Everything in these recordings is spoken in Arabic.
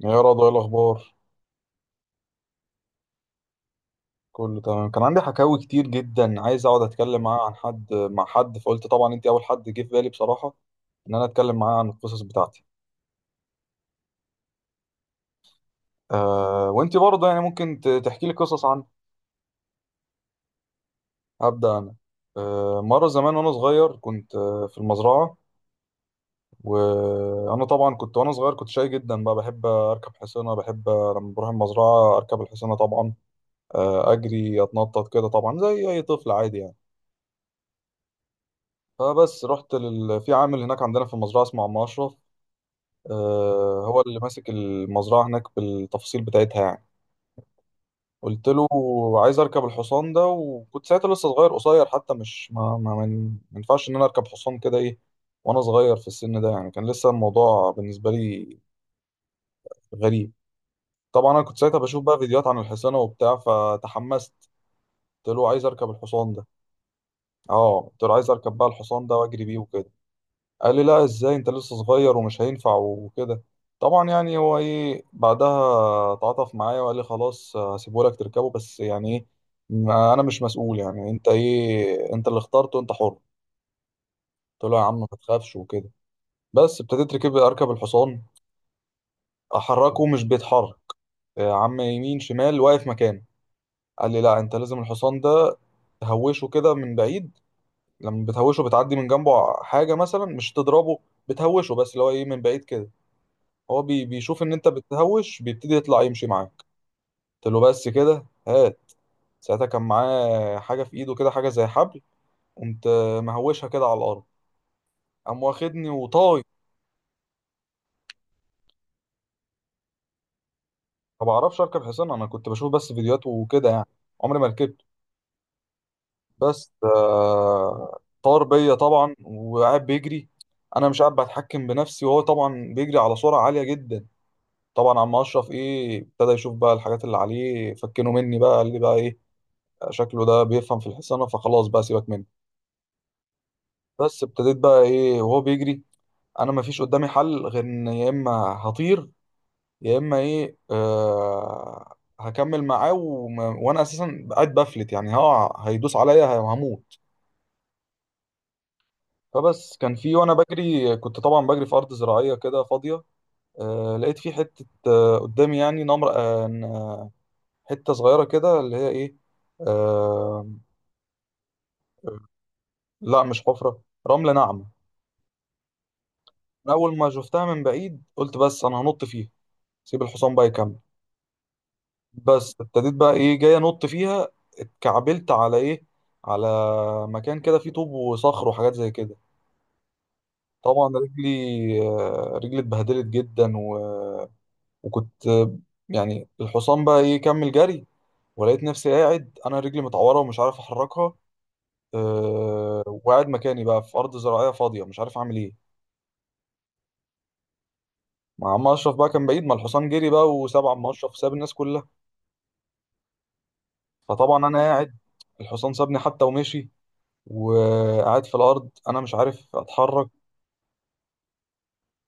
يا رضوى ايه الاخبار؟ كله تمام، كان عندي حكاوي كتير جدا، عايز اقعد اتكلم معاه عن حد مع حد، فقلت طبعا انت اول حد جه في بالي بصراحه ان انا اتكلم معاه عن القصص بتاعتي. آه وانت برضه يعني ممكن تحكي لي قصص عنها. هبدا انا. آه مره زمان وانا صغير كنت في المزرعه. وانا طبعا كنت وانا صغير كنت شاي جدا بقى، بحب اركب حصانه، بحب لما بروح المزرعه اركب الحصانه طبعا. آه اجري اتنطط كده، طبعا زي اي طفل عادي يعني. فبس رحت في عامل هناك عندنا في المزرعة اسمه عم أشرف. آه هو اللي ماسك المزرعة هناك بالتفاصيل بتاعتها يعني. قلت له عايز أركب الحصان ده، وكنت ساعتها لسه صغير قصير حتى، مش ما ينفعش إن أنا أركب حصان كده، إيه وأنا صغير في السن ده، يعني كان لسه الموضوع بالنسبة لي غريب. طبعا أنا كنت ساعتها بشوف بقى فيديوهات عن الحصانة وبتاع، فتحمست. قلت له عايز أركب الحصان ده. أه قلت له عايز أركب بقى الحصان ده وأجري بيه وكده. قال لي لا، ازاي؟ انت لسه صغير ومش هينفع وكده. طبعا يعني هو ايه بعدها تعاطف معايا وقال لي خلاص هسيبه لك تركبه، بس يعني ايه، انا مش مسؤول، يعني انت ايه، انت اللي اخترته، انت حر. قلت له يا عم ما تخافش وكده. بس ابتديت اركب، اركب الحصان. احركه مش بيتحرك، يا عم يمين شمال واقف مكانه. قال لي لا، انت لازم الحصان ده تهوشه كده من بعيد، لما بتهوشه بتعدي من جنبه حاجة مثلا مش تضربه، بتهوشه بس اللي هو ايه من بعيد كده، هو بيشوف ان انت بتهوش بيبتدي يطلع يمشي معاك. قلت له بس كده هات. ساعتها كان معاه حاجه في ايده كده، حاجه زي حبل. قمت مهوشها كده على الارض، قام واخدني وطاي. ما بعرفش اركب حصان، انا كنت بشوف بس فيديوهات وكده يعني، عمري ما ركبت. بس طار بيا طبعا وقاعد بيجري، انا مش قاعد بتحكم بنفسي، وهو طبعا بيجري على سرعه عاليه جدا. طبعا عم اشرف ايه، ابتدى يشوف بقى الحاجات اللي عليه، فكنه مني بقى، قال لي بقى ايه، شكله ده بيفهم في الحصانه، فخلاص بقى سيبك مني. بس ابتديت بقى ايه وهو بيجري، انا ما فيش قدامي حل غير ان يا اما هطير، يا اما ايه آه هكمل معاه، وانا اساسا قاعد بفلت يعني هقع هيدوس عليا هموت. فبس كان في، وانا بجري كنت طبعا بجري في ارض زراعيه كده فاضيه. آه لقيت في حته آه قدامي يعني نمر آه، حته صغيره كده اللي هي ايه، آه، لا مش حفره، رمله ناعمه. أنا اول ما شفتها من بعيد قلت بس انا هنط فيها، سيب الحصان بقى يكمل. بس ابتديت بقى ايه جاي انط فيها، اتكعبلت على ايه، على مكان كده فيه طوب وصخر وحاجات زي كده. طبعا رجلي، رجلي اتبهدلت جدا و... وكنت يعني الحصان بقى ايه كمل جري، ولقيت نفسي قاعد انا رجلي متعوره ومش عارف احركها. وقاعد مكاني بقى في ارض زراعيه فاضيه مش عارف اعمل ايه. مع عم اشرف بقى كان بعيد، ما الحصان جري بقى وساب عم اشرف، ساب الناس كلها. فطبعا انا قاعد، الحصان سابني حتى ومشي، وقاعد في الارض انا مش عارف اتحرك.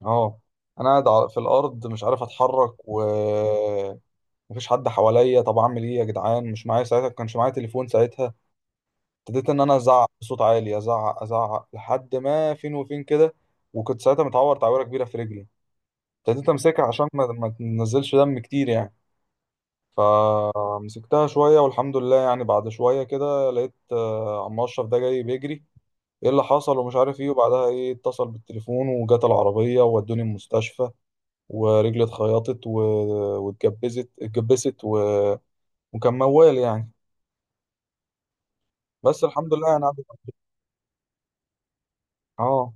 اه، انا قاعد في الارض مش عارف اتحرك، ومفيش حد حواليا، طب اعمل ايه يا جدعان، مش معايا ساعتها، كانش معايا تليفون ساعتها. ابتديت ان انا ازعق بصوت عالي، ازعق ازعق لحد ما فين وفين كده. وكنت ساعتها متعور تعويره كبيره في رجلي، ابتديت امسكها عشان ما تنزلش دم كتير يعني. فمسكتها شويه، والحمد لله يعني بعد شويه كده لقيت عم اشرف ده جاي بيجري، ايه اللي حصل ومش عارف ايه. وبعدها ايه اتصل بالتليفون وجت العربية وودوني المستشفى، ورجلي اتخيطت و... اتجبست و... وكان موال يعني. بس الحمد لله يعني عدت. اه.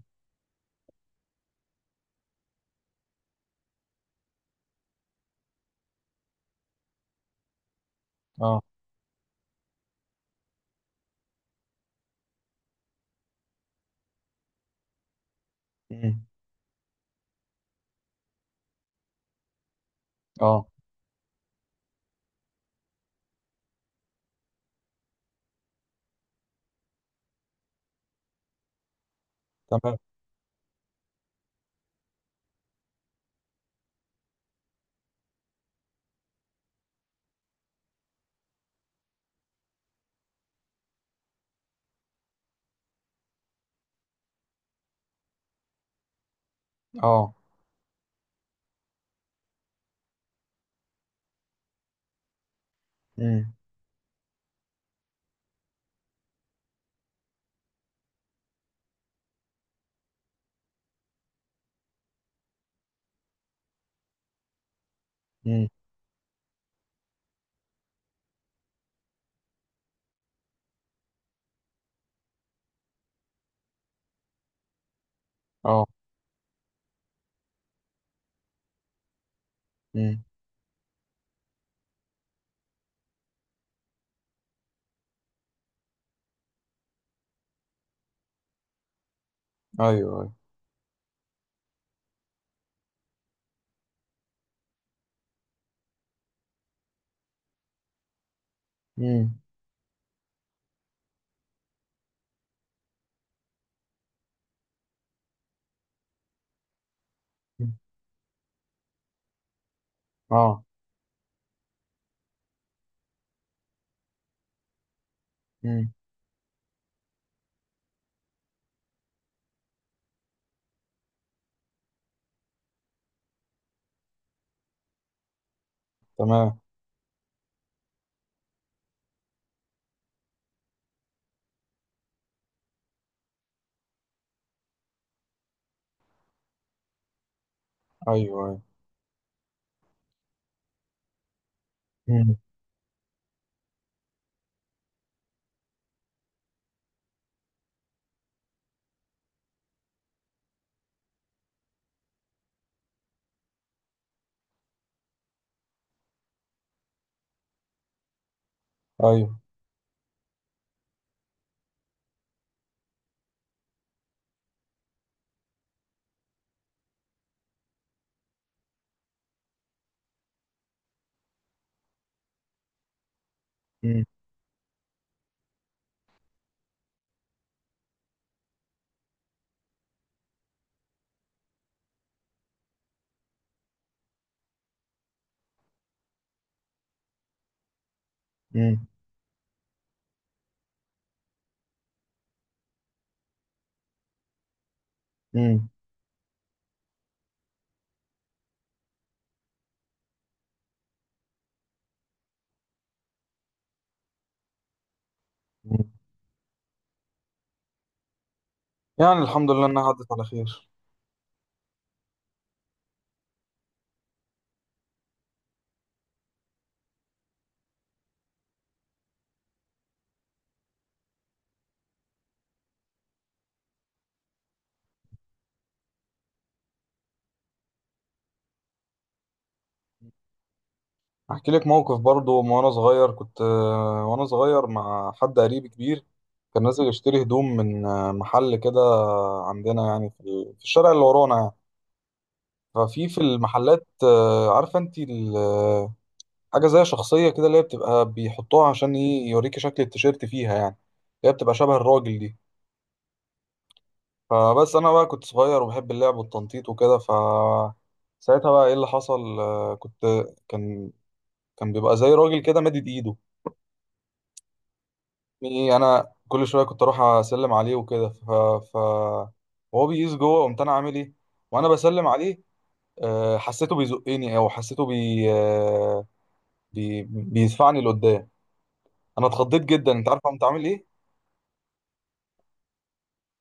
اه. امم. اه. تمام. اه. امم. امم. اه. امم. ايوه ايوه. امم. اه. امم. تمام. ايوه ايوه. امم. ايوه. امم. امم. امم. يعني الحمد لله انها عدت على خير. احكي لك موقف برضو، من وانا صغير كنت وانا صغير مع حد قريب كبير، كان نازل يشتري هدوم من محل كده عندنا يعني في في الشارع اللي ورانا يعني. ففي في المحلات عارفه انت حاجه زي شخصيه كده اللي هي بتبقى بيحطوها عشان يوريكي شكل التيشيرت فيها يعني، هي بتبقى شبه الراجل دي. فبس انا بقى كنت صغير وبحب اللعب والتنطيط وكده، ساعتها بقى ايه اللي حصل، آه، كنت كان كان بيبقى زي راجل كده مادد ايده. إيه انا كل شويه كنت اروح اسلم عليه وكده، ف ف وهو بيقيس جوه، قمت انا عامل ايه وانا بسلم عليه، حسيته بيزقني او حسيته بي آه، بي بيدفعني لقدام. انا اتخضيت جدا، انت عارف قمت عامل ايه،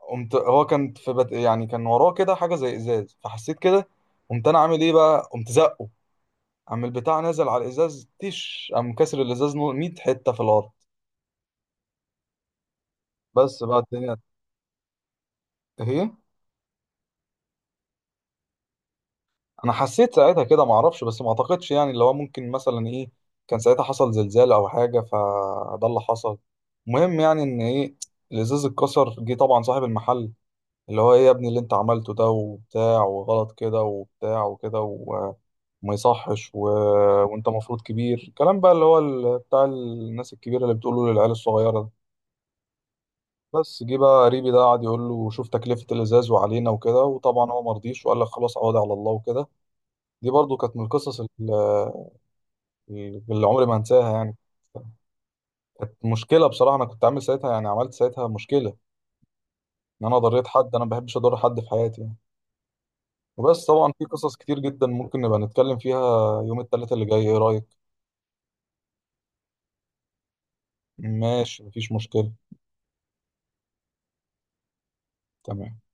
قمت هو كان في يعني كان وراه كده حاجه زي ازاز، فحسيت كده، قمت انا عامل ايه بقى، قمت زقه، قام البتاع نازل على الازاز تيش، قام كسر الازاز 100 حته في الارض. بس بقى الدنيا. اهي. انا حسيت ساعتها كده، ما اعرفش بس ما اعتقدش يعني اللي هو ممكن مثلا ايه كان ساعتها حصل زلزال او حاجه، فده اللي حصل. المهم يعني ان ايه، الازاز اتكسر، جه طبعا صاحب المحل اللي هو ايه، يا ابني اللي انت عملته ده وبتاع، وغلط كده وبتاع وكده و- وما يصحش و... وانت مفروض كبير، الكلام بقى اللي هو بتاع الناس الكبيره اللي بتقوله للعيال الصغيره ده. بس جه بقى قريبي ده قعد يقول له شوف تكلفه الازاز وعلينا وكده، وطبعا هو مرضيش وقال لك خلاص عوضي على الله وكده. دي برضو كانت من القصص اللي عمري ما انساها يعني. كانت مشكله بصراحه، انا كنت عامل ساعتها يعني عملت ساعتها مشكله، ان انا ضريت حد، انا ما بحبش اضر حد في حياتي يعني. وبس طبعا في قصص كتير جدا ممكن نبقى نتكلم فيها. يوم الثلاثاء اللي جاي ايه رايك؟ ماشي مفيش مشكله. تمام.